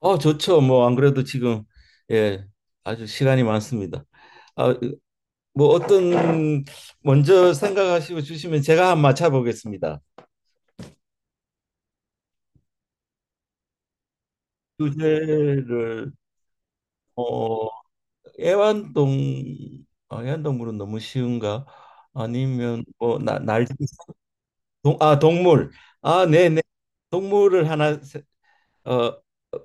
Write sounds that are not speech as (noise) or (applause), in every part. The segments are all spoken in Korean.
좋죠. 뭐, 안 그래도 지금, 예, 아주 시간이 많습니다. 아, 뭐, 어떤, 먼저 생각하시고 주시면 제가 한번 맞춰보겠습니다. 주제를, 어, 애완동, 아, 애완동물은 너무 쉬운가? 아니면, 뭐, 나, 날, 동, 아, 동물. 아, 네네. 동물을 하나, 어,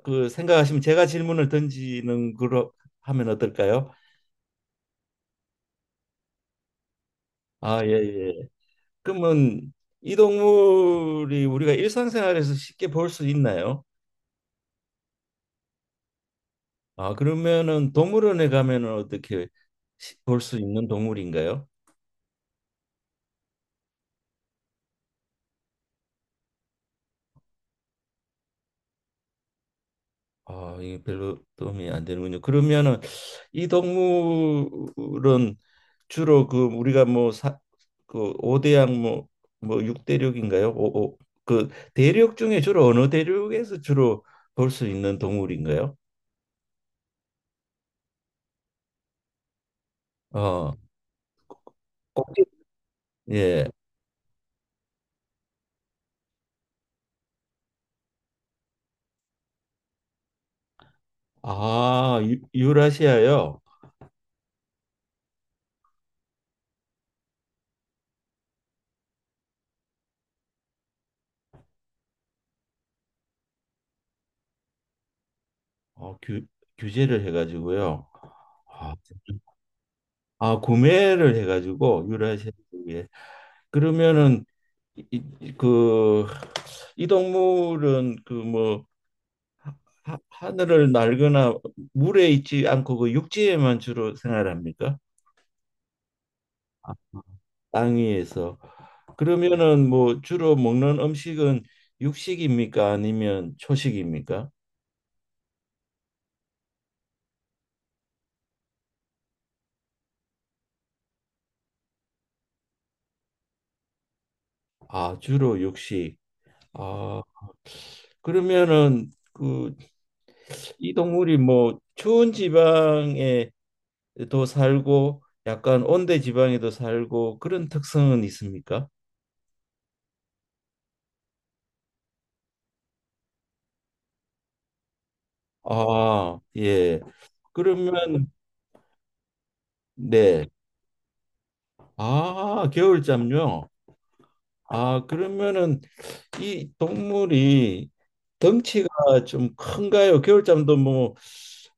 생각하시면 제가 질문을 던지는 걸로 하면 어떨까요? 아, 예, 예. 그러면 이 동물이 우리가 일상생활에서 쉽게 볼 수 있나요? 아, 그러면은 동물원에 가면은 어떻게 볼 수 있는 동물인가요? 아, 이게 별로 도움이 안 되는군요. 그러면은 이 동물은 주로 그 우리가 뭐 사, 그오대양 뭐, 뭐 6대륙인가요? 오, 그 대륙 중에 주로 어느 대륙에서 주로 볼 수 있는 동물인가요? 어, 꼭지- 예. 아, 유, 유라시아요? 규, 규제를 해가지고요. 아, 아, 구매를 해가지고 유라시아 쪽에 그러면은 이, 이- 그, 이 동물은 그 뭐 하늘을 날거나 물에 있지 않고 그 육지에만 주로 생활합니까? 땅 위에서. 그러면은 뭐 주로 먹는 음식은 육식입니까? 아니면 초식입니까? 아, 주로 육식. 아, 그러면은 그 이 동물이 뭐 추운 지방에도 살고 약간 온대 지방에도 살고 그런 특성은 있습니까? 아, 예. 그러면 네. 아, 겨울잠요. 아, 그러면은 이 동물이 덩치가 좀 큰가요? 겨울잠도 뭐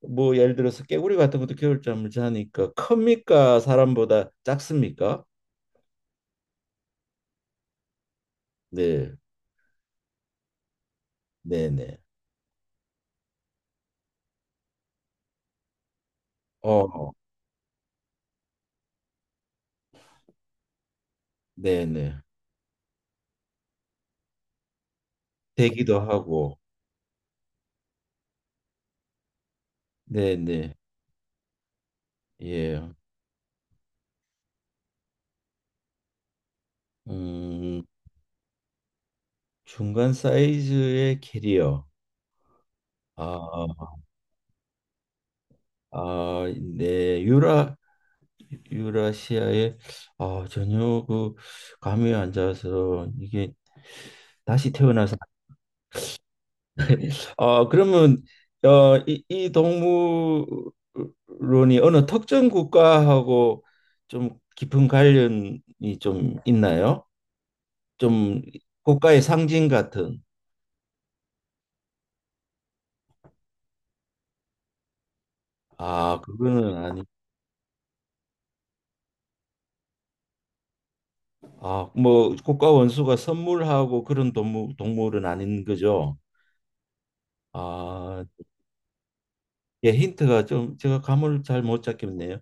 뭐 예를 들어서 깨구리 같은 것도 겨울잠을 자니까 큽니까? 사람보다 작습니까? 네. 네, 네. 어. 네, 네. 되기도 하고, 네네, 예, 음, 중간 사이즈의 캐리어, 아, 아, 네, 유라, 유라시아에, 아, 전혀 그 감이 안 잡아서 이게 다시 태어나서, 아, 그러면 이, 이 동물론이 어느 특정 국가하고 좀 깊은 관련이 좀 있나요? 좀 국가의 상징 같은, 아, 그거는 아니. 아, 뭐 국가 원수가 선물하고 그런 동물은 아닌 거죠. 아, 예, 힌트가 좀 제가 감을 잘 못 잡겠네요.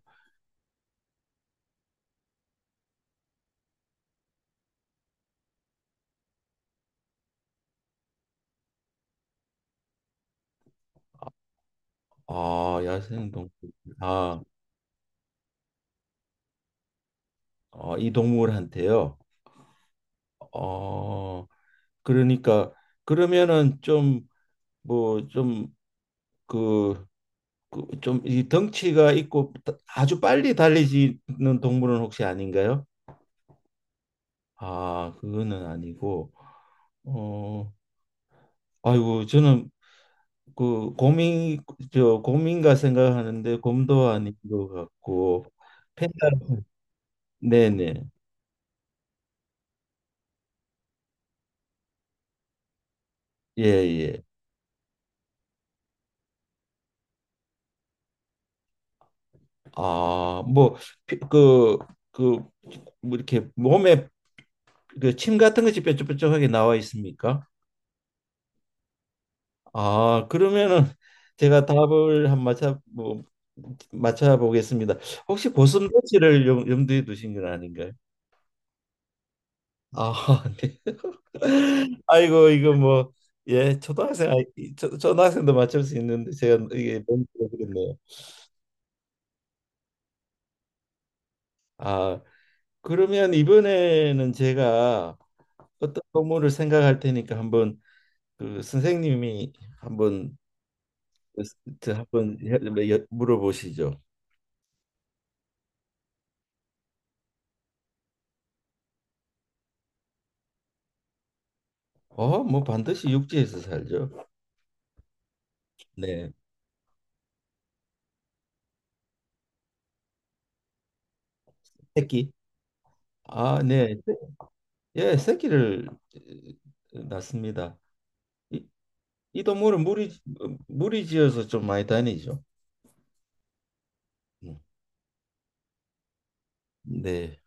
아, 야생 동물. 아, 이 동물한테요. 어, 그러니까 그러면은 좀 뭐 좀그 그 좀 이 덩치가 있고 아주 빨리 달리지는 동물은 혹시 아닌가요? 아, 그거는 아니고. 어, 아이고 저는 그 곰이 저 곰인가 생각하는데 곰도 아닌 것 같고 펜다 네네 예예 아 뭐 그 그 뭐 이렇게 몸에 그 침 같은 것이 뾰족뾰족하게 나와 있습니까? 아 그러면은 제가 답을 한 맞춰 보겠습니다. 혹시 고슴도치를 염두에 두신 건 아닌가요? 아 (laughs) 네. (laughs) 아이고 이거 뭐 예 초등학생 아이 초, 초등학생도 맞출 수 있는데 제가 이게 뭔지 모르겠네요. 아 그러면 이번에는 제가 어떤 동물을 생각할 테니까 한번 그 선생님이 한번 저 한번 물어보시죠. 어 뭐 반드시 육지에서 살죠. 네 새끼 아네 예 새끼를 낳습니다. 이, 이 동물은 무리지어서 좀 많이 다니죠. 음. 네.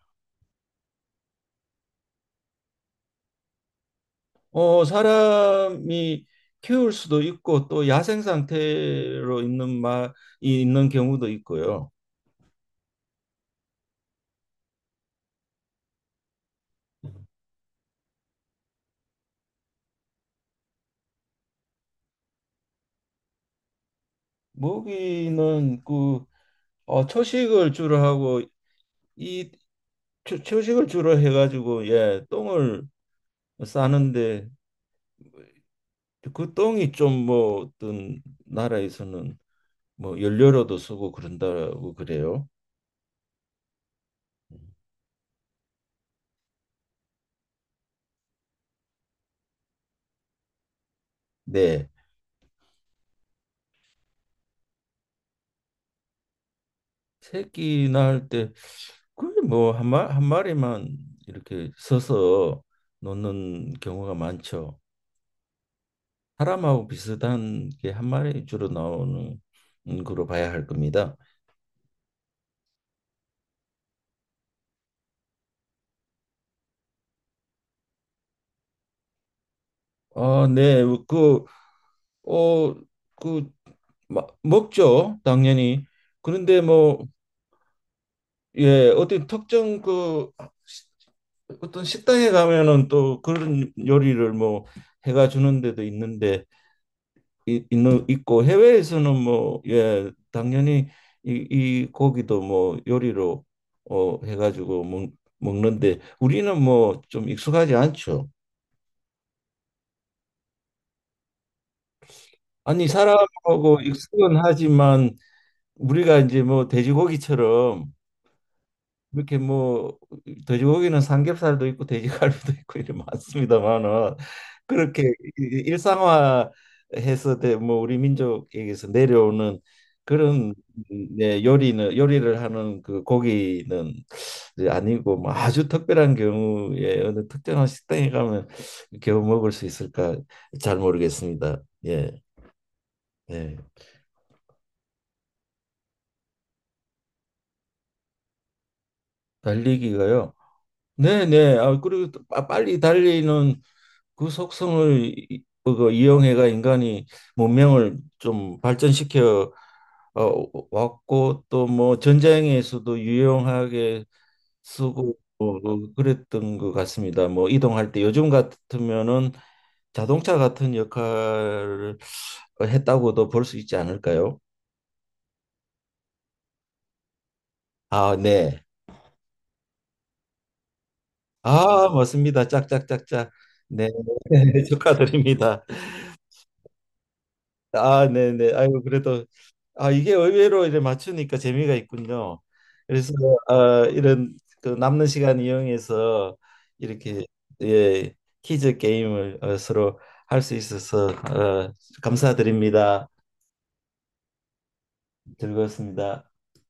사람이 키울 수도 있고 또 야생 상태로 있는 말이 있는 경우도 있고요. 모기는 그 초식을 주로 하고 이 초, 초식을 주로 해가지고 예 똥을 싸는데 그 똥이 좀 뭐 어떤 나라에서는 뭐 연료로도 쓰고 그런다고 그래요. 네. 새끼나 할때 그게 한 마리만 이렇게 서서 놓는 경우가 많죠. 사람하고 비슷한 게 한 마리 주로 나오는 거로 봐야 할 겁니다. 아, 네. 그, 어, 그, 마, 먹죠. 당연히. 그런데 뭐, 예, 어떤 특정 그 시- 어떤 식당에 가면은 또 그런 요리를 뭐 해가 주는 데도 있는데 있는 있고 해외에서는 뭐 예 당연히 이, 이 고기도 뭐 요리로 해가지고 먹는데 우리는 뭐 좀 익숙하지 않죠. 아니 사람하고 익숙은 하지만 우리가 이제 뭐 돼지고기처럼 이렇게 뭐 돼지고기는 삼겹살도 있고 돼지갈비도 있고 이렇게 많습니다만은 그렇게 뭐 우리 민족에게서 내려오는 그런 네, 요리는 요리를 하는 그 고기는 이제 아니고 뭐 아주 특별한 경우에 어느 특정한 식당에 가면 겨우 먹을 수 있을까 잘 모르겠습니다. 예, 예. 달리기가요. 네, 네. 아, 그리고 또 빨리 달리는 그 속성을 그거 이용해가 인간이 문명을 좀 발전시켜 어, 왔고 또 뭐 전쟁에서도 유용하게 쓰고 뭐 그랬던 것 같습니다. 뭐 이동할 때 요즘 같으면은 자동차 같은 역할을 했다고도 볼 수 있지 않을까요? 아, 네. 아, 맞습니다. 짝짝짝짝. 네. (laughs) 축하드립니다. 아, 네네. 아이고, 그래도, 아, 이게 의외로 이제 맞추니까 재미가 있군요. 그래서, 아, 이런, 그 남는 시간 이용해서 이렇게, 예, 퀴즈 게임을 서로 할 수 있어서, 감사드립니다. 즐거웠습니다.